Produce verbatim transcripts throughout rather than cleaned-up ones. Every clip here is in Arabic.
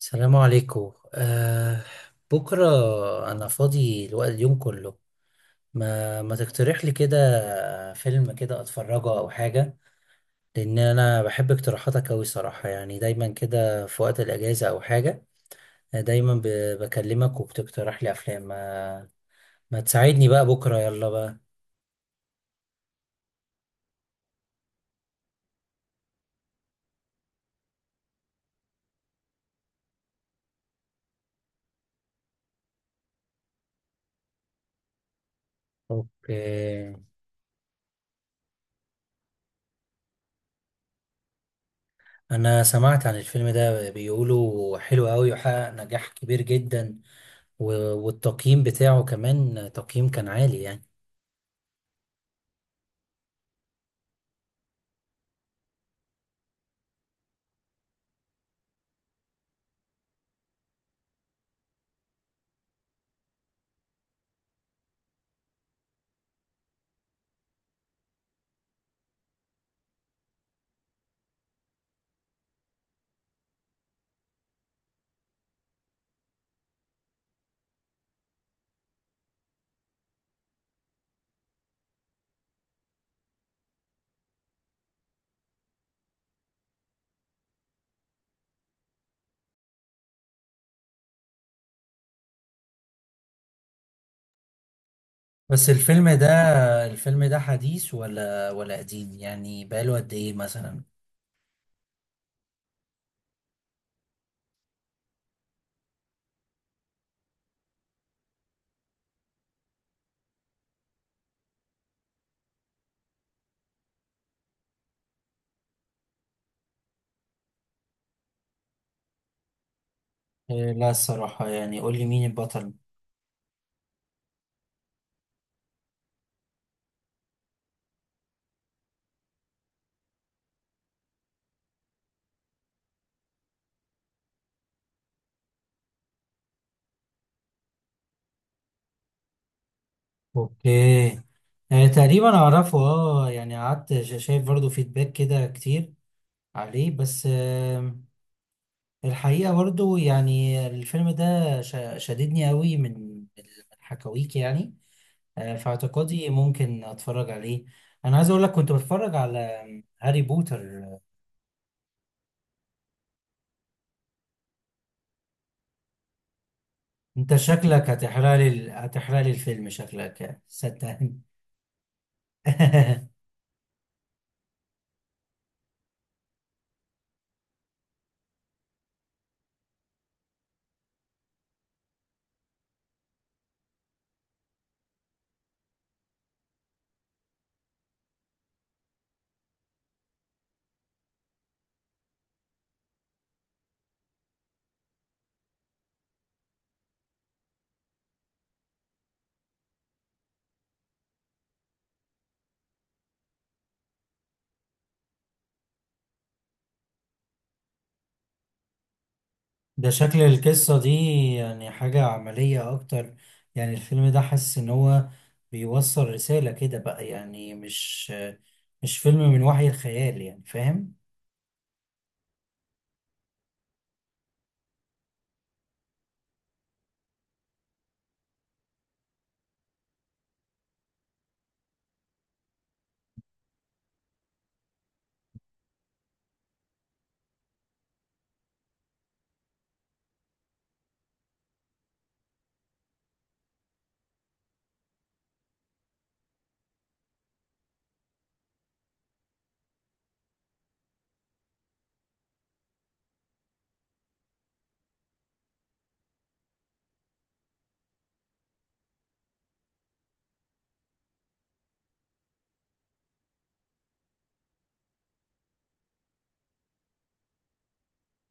السلام عليكم. أه بكرة أنا فاضي الوقت اليوم كله. ما ما تقترح لي كده فيلم كده أتفرجه أو حاجة؟ لأن أنا بحب اقتراحاتك أوي صراحة، يعني دايما كده في وقت الأجازة أو حاجة آه، دايما ب- بكلمك وبتقترح لي أفلام. ما, ما تساعدني بقى بكرة، يلا بقى. أوكي. أنا سمعت عن الفيلم ده، بيقولوا حلو أوي وحقق نجاح كبير جدا، و- والتقييم بتاعه كمان تقييم كان عالي يعني. بس الفيلم ده، الفيلم ده حديث ولا ولا قديم يعني، بقاله قد ايه مثلا؟ إيه، لا الصراحة يعني قول لي مين البطل. اوكي. آه تقريبا اعرفه، اه يعني قعدت شا- شايف برضو فيدباك كده كتير عليه. بس آه الحقيقة برضو يعني الفيلم ده شا- شددني قوي من الحكاويك يعني. آه في اعتقادي ممكن اتفرج عليه. انا عايز اقول لك كنت بتفرج على هاري بوتر. انت شكلك هتحرق لي ال- هتحرق لي الفيلم شكلك يعني، صدقني. ده شكل القصة دي يعني حاجة عملية اكتر. يعني الفيلم ده حاسس ان هو بيوصل رسالة كده بقى، يعني مش مش فيلم من وحي الخيال يعني، فاهم؟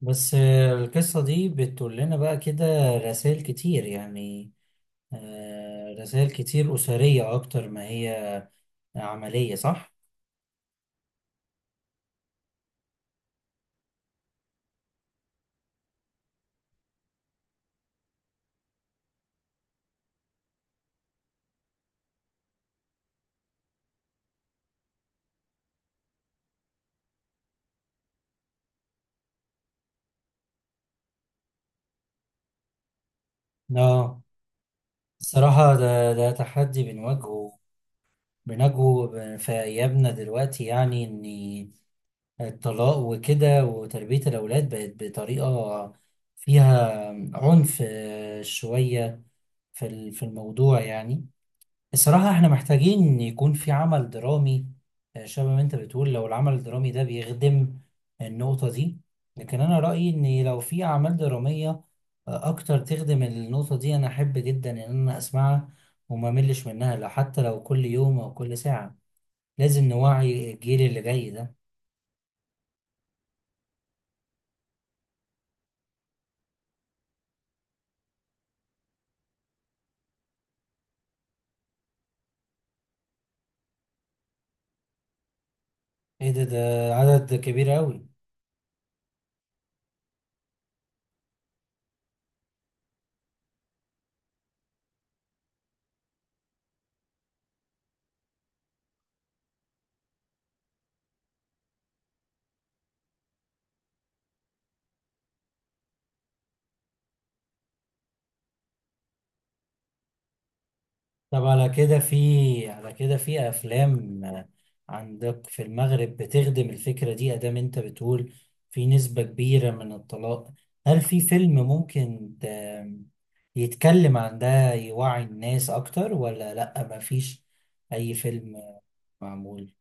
بس آه، القصة دي بتقول لنا بقى كده رسائل كتير يعني، آه، رسائل كتير أسرية أكتر ما هي عملية، صح؟ اه الصراحة ده ده تحدي بنواجهه بنجو في أيامنا دلوقتي، يعني إن الطلاق وكده وتربية الأولاد بقت بطريقة فيها عنف آه، شوية في ال- في الموضوع يعني. الصراحة إحنا محتاجين إن يكون في عمل درامي آه، شبه ما أنت بتقول. لو العمل الدرامي ده بيخدم النقطة دي. لكن أنا رأيي إن لو في أعمال درامية آه، أكتر تخدم النقطة دي أنا أحب جدا إن أنا أسمعها وما ملش منها، لو حتى لو كل يوم أو كل ساعة. لازم نوعي الجيل اللي جاي ده. ايه ده، ده عدد كبير قوي. طب على كده في، على كده في افلام آه، عندك في المغرب بتخدم الفكرة دي، ادام انت بتقول في نسبة كبيرة من الطلاق؟ هل في فيلم ممكن ت- يتكلم عن ده يوعي الناس اكتر، ولا لا مفيش اي فيلم معمول؟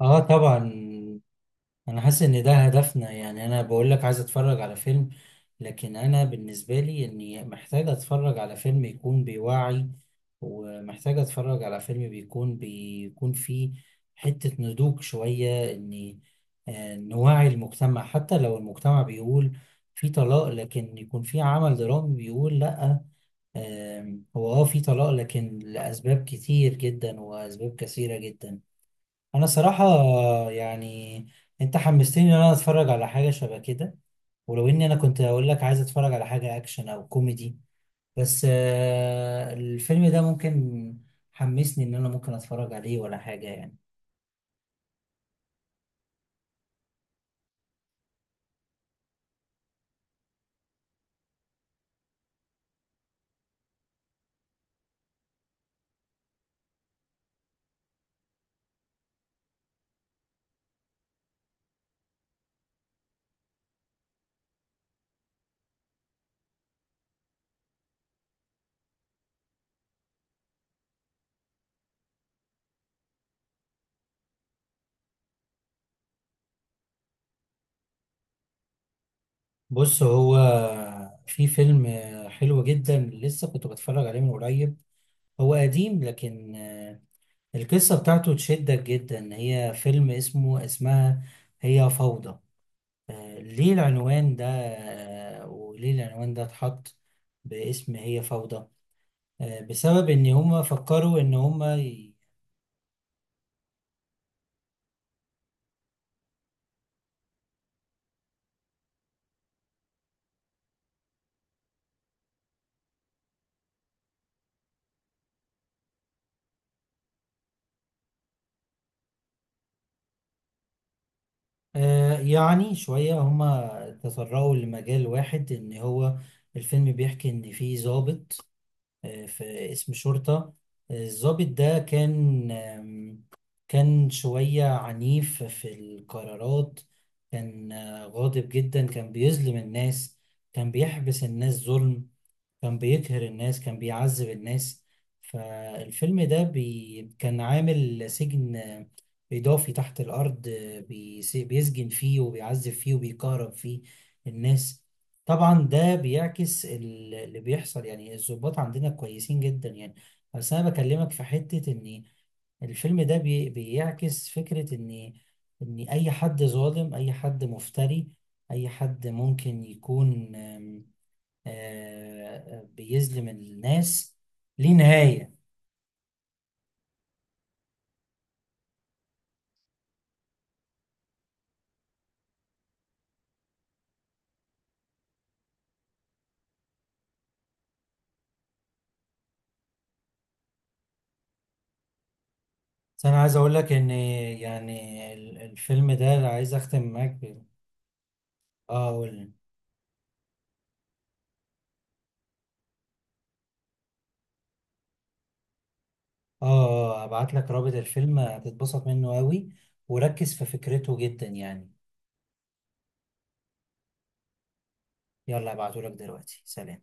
اه طبعا. انا حاسس ان ده هدفنا، يعني انا بقول لك عايز اتفرج على فيلم، لكن انا بالنسبه لي اني محتاج اتفرج على فيلم يكون بيوعي، ومحتاج اتفرج على فيلم بيكون بيكون فيه حته نضوج شويه، اني آه، نوعي المجتمع. حتى لو المجتمع بيقول في طلاق، لكن يكون في عمل درامي بيقول لا، آم، هو اه في طلاق لكن لاسباب كتير جدا واسباب كثيره جدا. انا صراحة يعني انت حمستني ان انا اتفرج على حاجة شبه كده، ولو اني انا كنت اقول لك عايز اتفرج على حاجة اكشن او كوميدي، بس آه، الفيلم ده ممكن حمسني ان انا ممكن اتفرج عليه ولا حاجة يعني. بص، هو في فيلم حلو جدا لسه كنت بتفرج عليه من قريب، هو قديم لكن آه، القصة بتاعته تشدك جدا. هي فيلم اسمه اسمها هي فوضى. آه، ليه العنوان ده، آه، وليه العنوان ده اتحط باسم هي فوضى؟ آه، بسبب ان هما فكروا ان هما ي- آه، يعني شوية هما تطرقوا لمجال واحد ان هو الفيلم بيحكي ان في ضابط، آه، في اسم شرطة. آه، الضابط ده كان آم، كان شوية عنيف في القرارات، كان آه، غاضب جدا، كان بيظلم الناس، كان بيحبس الناس ظلم، كان بيقهر الناس، كان بيعذب الناس. فالفيلم ده بي... كان عامل سجن إضافي تحت الأرض، بيس... بيسجن فيه وبيعذب فيه وبيكهرب فيه الناس. طبعا ده بيعكس ال- اللي بيحصل، يعني الضباط عندنا كويسين جدا يعني، بس أنا بكلمك في حتة إن الفيلم ده بي... بيعكس فكرة إن إن أي حد ظالم، أي حد مفتري، أي حد ممكن يكون آه، آه، بيظلم الناس ليه نهاية. بس أنا عايز أقول لك إن يعني ال- الفيلم ده اللي عايز أختم معاك ب- آه أقول آه، آه، أبعت لك رابط الفيلم هتتبسط منه أوي، وركز في فكرته جدا يعني. يلا أبعته لك دلوقتي، سلام.